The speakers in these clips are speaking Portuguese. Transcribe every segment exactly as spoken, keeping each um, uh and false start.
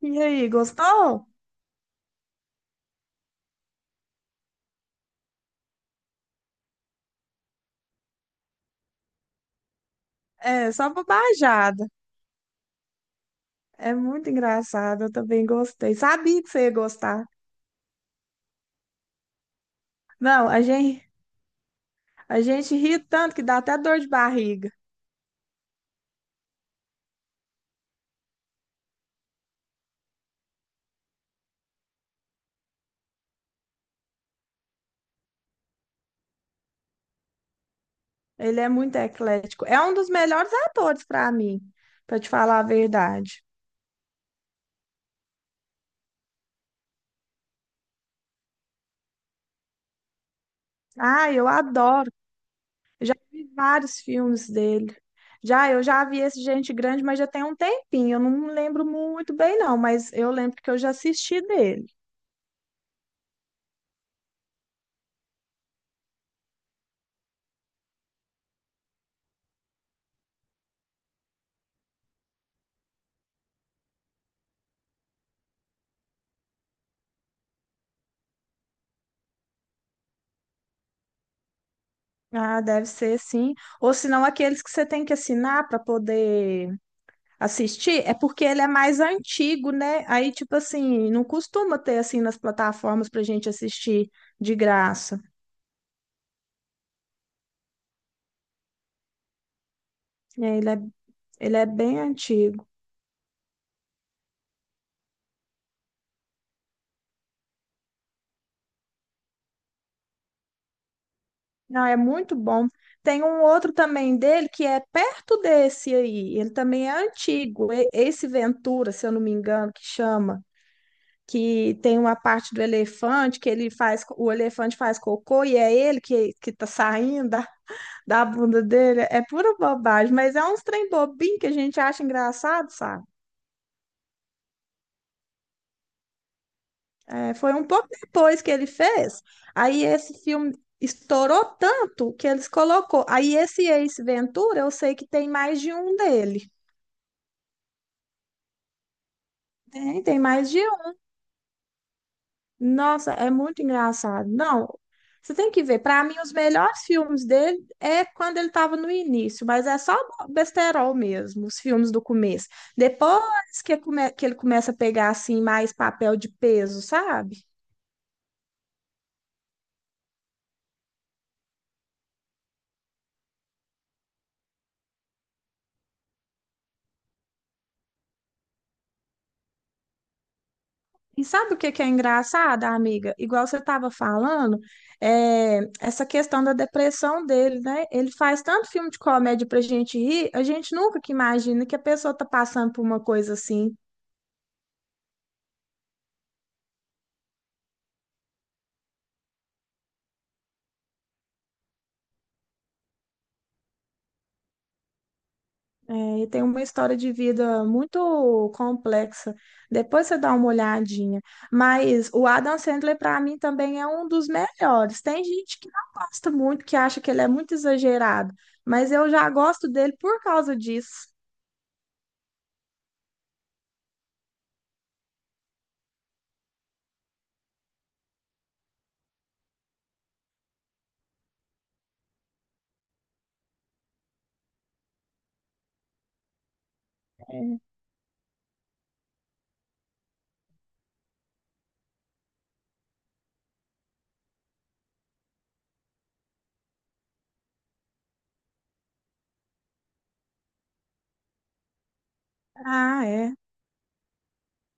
E aí, gostou? É, só bobajada. É muito engraçado, eu também gostei. Sabia que você ia gostar. Não, a gente, a gente ri tanto que dá até dor de barriga. Ele é muito eclético. É um dos melhores atores para mim, para te falar a verdade. Ah, eu adoro. Vi vários filmes dele. Já, eu já vi esse Gente Grande, mas já tem um tempinho. Eu não lembro muito bem, não, mas eu lembro que eu já assisti dele. Ah, deve ser sim. Ou senão aqueles que você tem que assinar para poder assistir, é porque ele é mais antigo, né? Aí, tipo assim, não costuma ter assim nas plataformas para gente assistir de graça. É, Ele é, ele é bem antigo. Não, é muito bom. Tem um outro também dele que é perto desse aí. Ele também é antigo. E- Esse Ventura, se eu não me engano, que chama, que tem uma parte do elefante que ele faz, o elefante faz cocô e é ele que, que tá saindo da, da bunda dele. É pura bobagem, mas é uns trem bobinho que a gente acha engraçado, sabe? É, foi um pouco depois que ele fez. Aí esse filme estourou tanto que eles colocou. Aí esse Ace Ventura, eu sei que tem mais de um dele. Tem, tem mais de... Nossa, é muito engraçado. Não, você tem que ver. Para mim, os melhores filmes dele é quando ele estava no início, mas é só besterol mesmo, os filmes do começo. Depois que, come- que ele começa a pegar assim mais papel de peso, sabe? E sabe o que que é engraçado, amiga? Igual você estava falando, é, essa questão da depressão dele, né? Ele faz tanto filme de comédia pra gente rir, a gente nunca que imagina que a pessoa tá passando por uma coisa assim. É, e tem uma história de vida muito complexa. Depois você dá uma olhadinha. Mas o Adam Sandler, para mim, também é um dos melhores. Tem gente que não gosta muito, que acha que ele é muito exagerado. Mas eu já gosto dele por causa disso. Ah, é.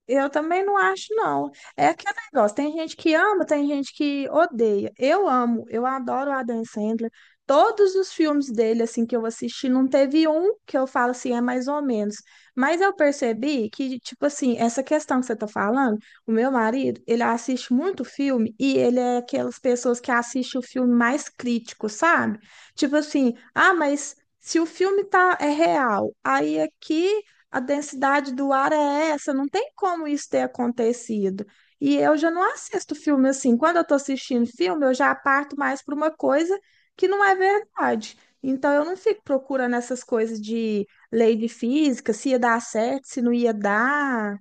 Eu também não acho, não. É aquele negócio, tem gente que ama, tem gente que odeia. Eu amo, eu adoro o Adam Sandler. Todos os filmes dele, assim, que eu assisti, não teve um que eu falo assim, é mais ou menos. Mas eu percebi que, tipo assim, essa questão que você tá falando, o meu marido, ele assiste muito filme e ele é aquelas pessoas que assistem o filme mais crítico, sabe? Tipo assim, ah, mas se o filme tá, é real, aí aqui a densidade do ar é essa, não tem como isso ter acontecido. E eu já não assisto filme assim. Quando eu estou assistindo filme, eu já parto mais para uma coisa que não é verdade. Então eu não fico procurando essas coisas de lei de física, se ia dar certo, se não ia dar.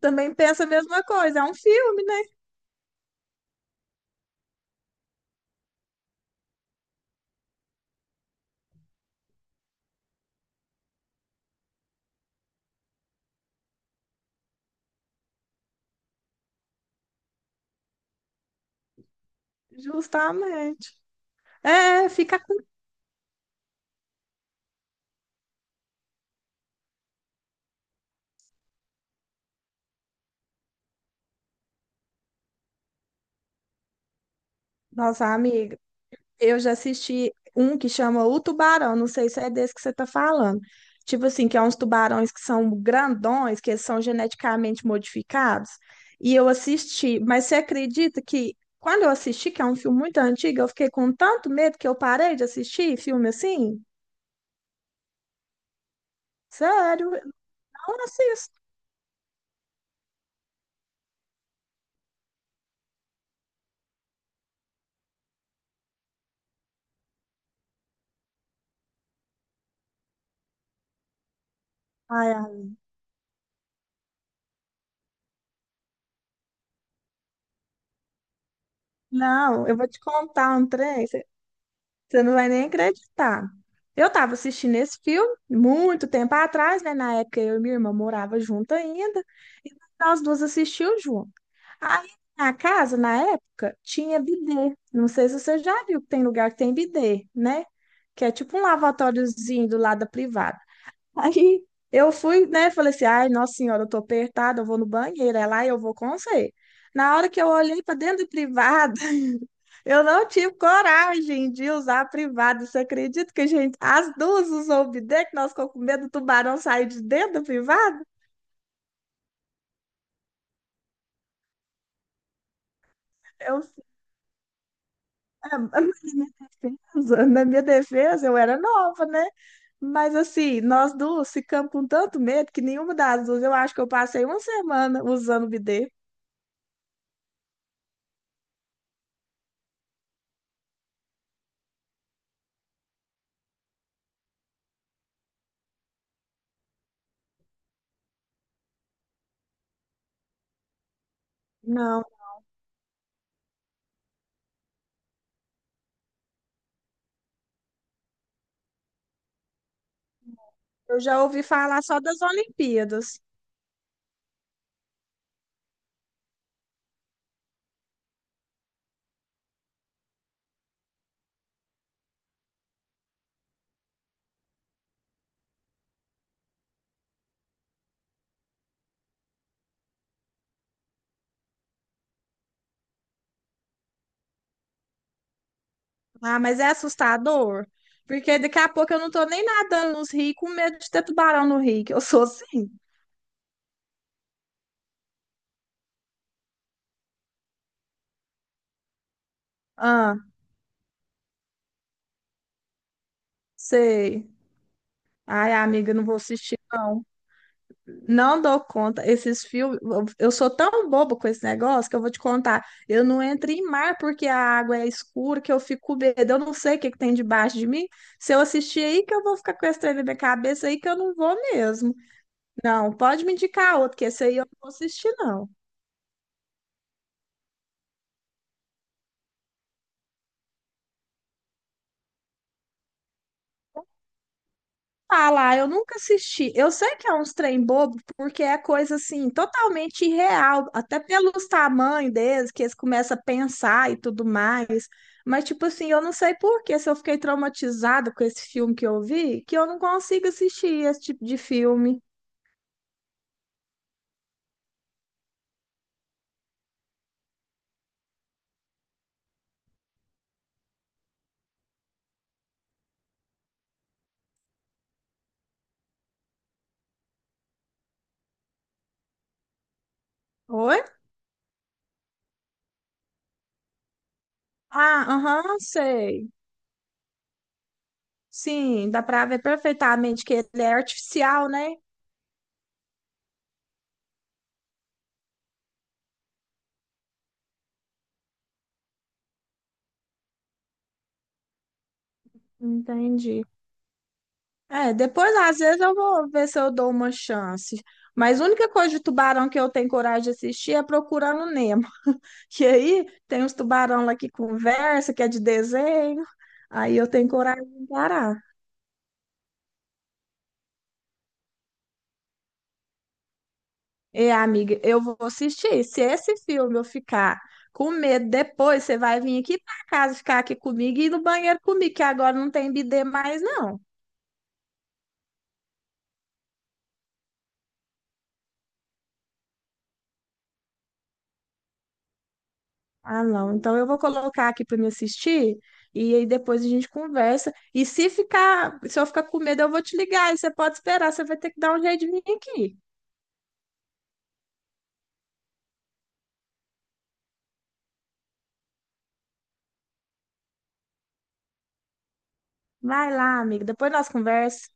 Também penso a mesma coisa, é um filme, né? Justamente. É, fica. Nossa, amiga. Eu já assisti um que chama O Tubarão, não sei se é desse que você está falando. Tipo assim, que é uns tubarões que são grandões, que eles são geneticamente modificados. E eu assisti, mas você acredita que quando eu assisti, que é um filme muito antigo, eu fiquei com tanto medo que eu parei de assistir filme assim? Sério, eu não assisto. Ai, ai, não, eu vou te contar um trem. Você não vai nem acreditar. Eu estava assistindo esse filme muito tempo atrás, né? Na época eu e minha irmã morava junto ainda, e nós duas assistimos junto. Aí na casa, na época, tinha bidê. Não sei se você já viu que tem lugar que tem bidê, né? Que é tipo um lavatóriozinho do lado da privada. Aí eu fui, né? Falei assim: ai, nossa senhora, eu tô apertada, eu vou no banheiro, é lá e eu vou com você. Na hora que eu olhei para dentro do privado, eu não tive coragem de usar privado. Você acredita que a gente, as duas usou o bidê, que nós ficamos com medo do tubarão sair de dentro do privado? Eu, na minha defesa, na minha defesa, eu era nova, né? Mas assim, nós duas ficamos com tanto medo que nenhuma das duas, eu acho que eu passei uma semana usando o bidê. Não, eu já ouvi falar só das Olimpíadas. Ah, mas é assustador. Porque daqui a pouco eu não tô nem nadando nos rios com medo de ter tubarão no rio, que eu sou assim. Sei. Ai, amiga, não vou assistir. Não dou conta. Esses filmes. Eu eu sou tão boba com esse negócio que eu vou te contar. Eu não entro em mar porque a água é escura, que eu fico com medo. Eu não sei o que que tem debaixo de mim. Se eu assistir aí, que eu vou ficar com esse trem na minha cabeça aí, que eu não vou mesmo. Não, pode me indicar outro, que esse aí eu não vou assistir, não. Falar, eu nunca assisti. Eu sei que é uns trem bobo, porque é coisa assim, totalmente irreal, até pelos tamanhos deles, que eles começam a pensar e tudo mais. Mas, tipo assim, eu não sei por que, se eu fiquei traumatizada com esse filme que eu vi, que eu não consigo assistir esse tipo de filme. Oi? Ah, aham, sei. Sim, dá pra ver perfeitamente que ele é artificial, né? Entendi. É, depois às vezes eu vou ver se eu dou uma chance. Mas a única coisa de tubarão que eu tenho coragem de assistir é Procurando Nemo. Que aí tem uns tubarão lá que conversa, que é de desenho. Aí eu tenho coragem de encarar. E amiga, eu vou assistir. Se esse filme eu ficar com medo depois, você vai vir aqui para casa ficar aqui comigo e ir no banheiro comigo, que agora não tem bidê mais, não. Ah, não. Então eu vou colocar aqui para me assistir e aí depois a gente conversa. E se ficar, se eu ficar com medo, eu vou te ligar. E você pode esperar, você vai ter que dar um jeito de vir aqui. Vai lá, amiga. Depois nós conversa.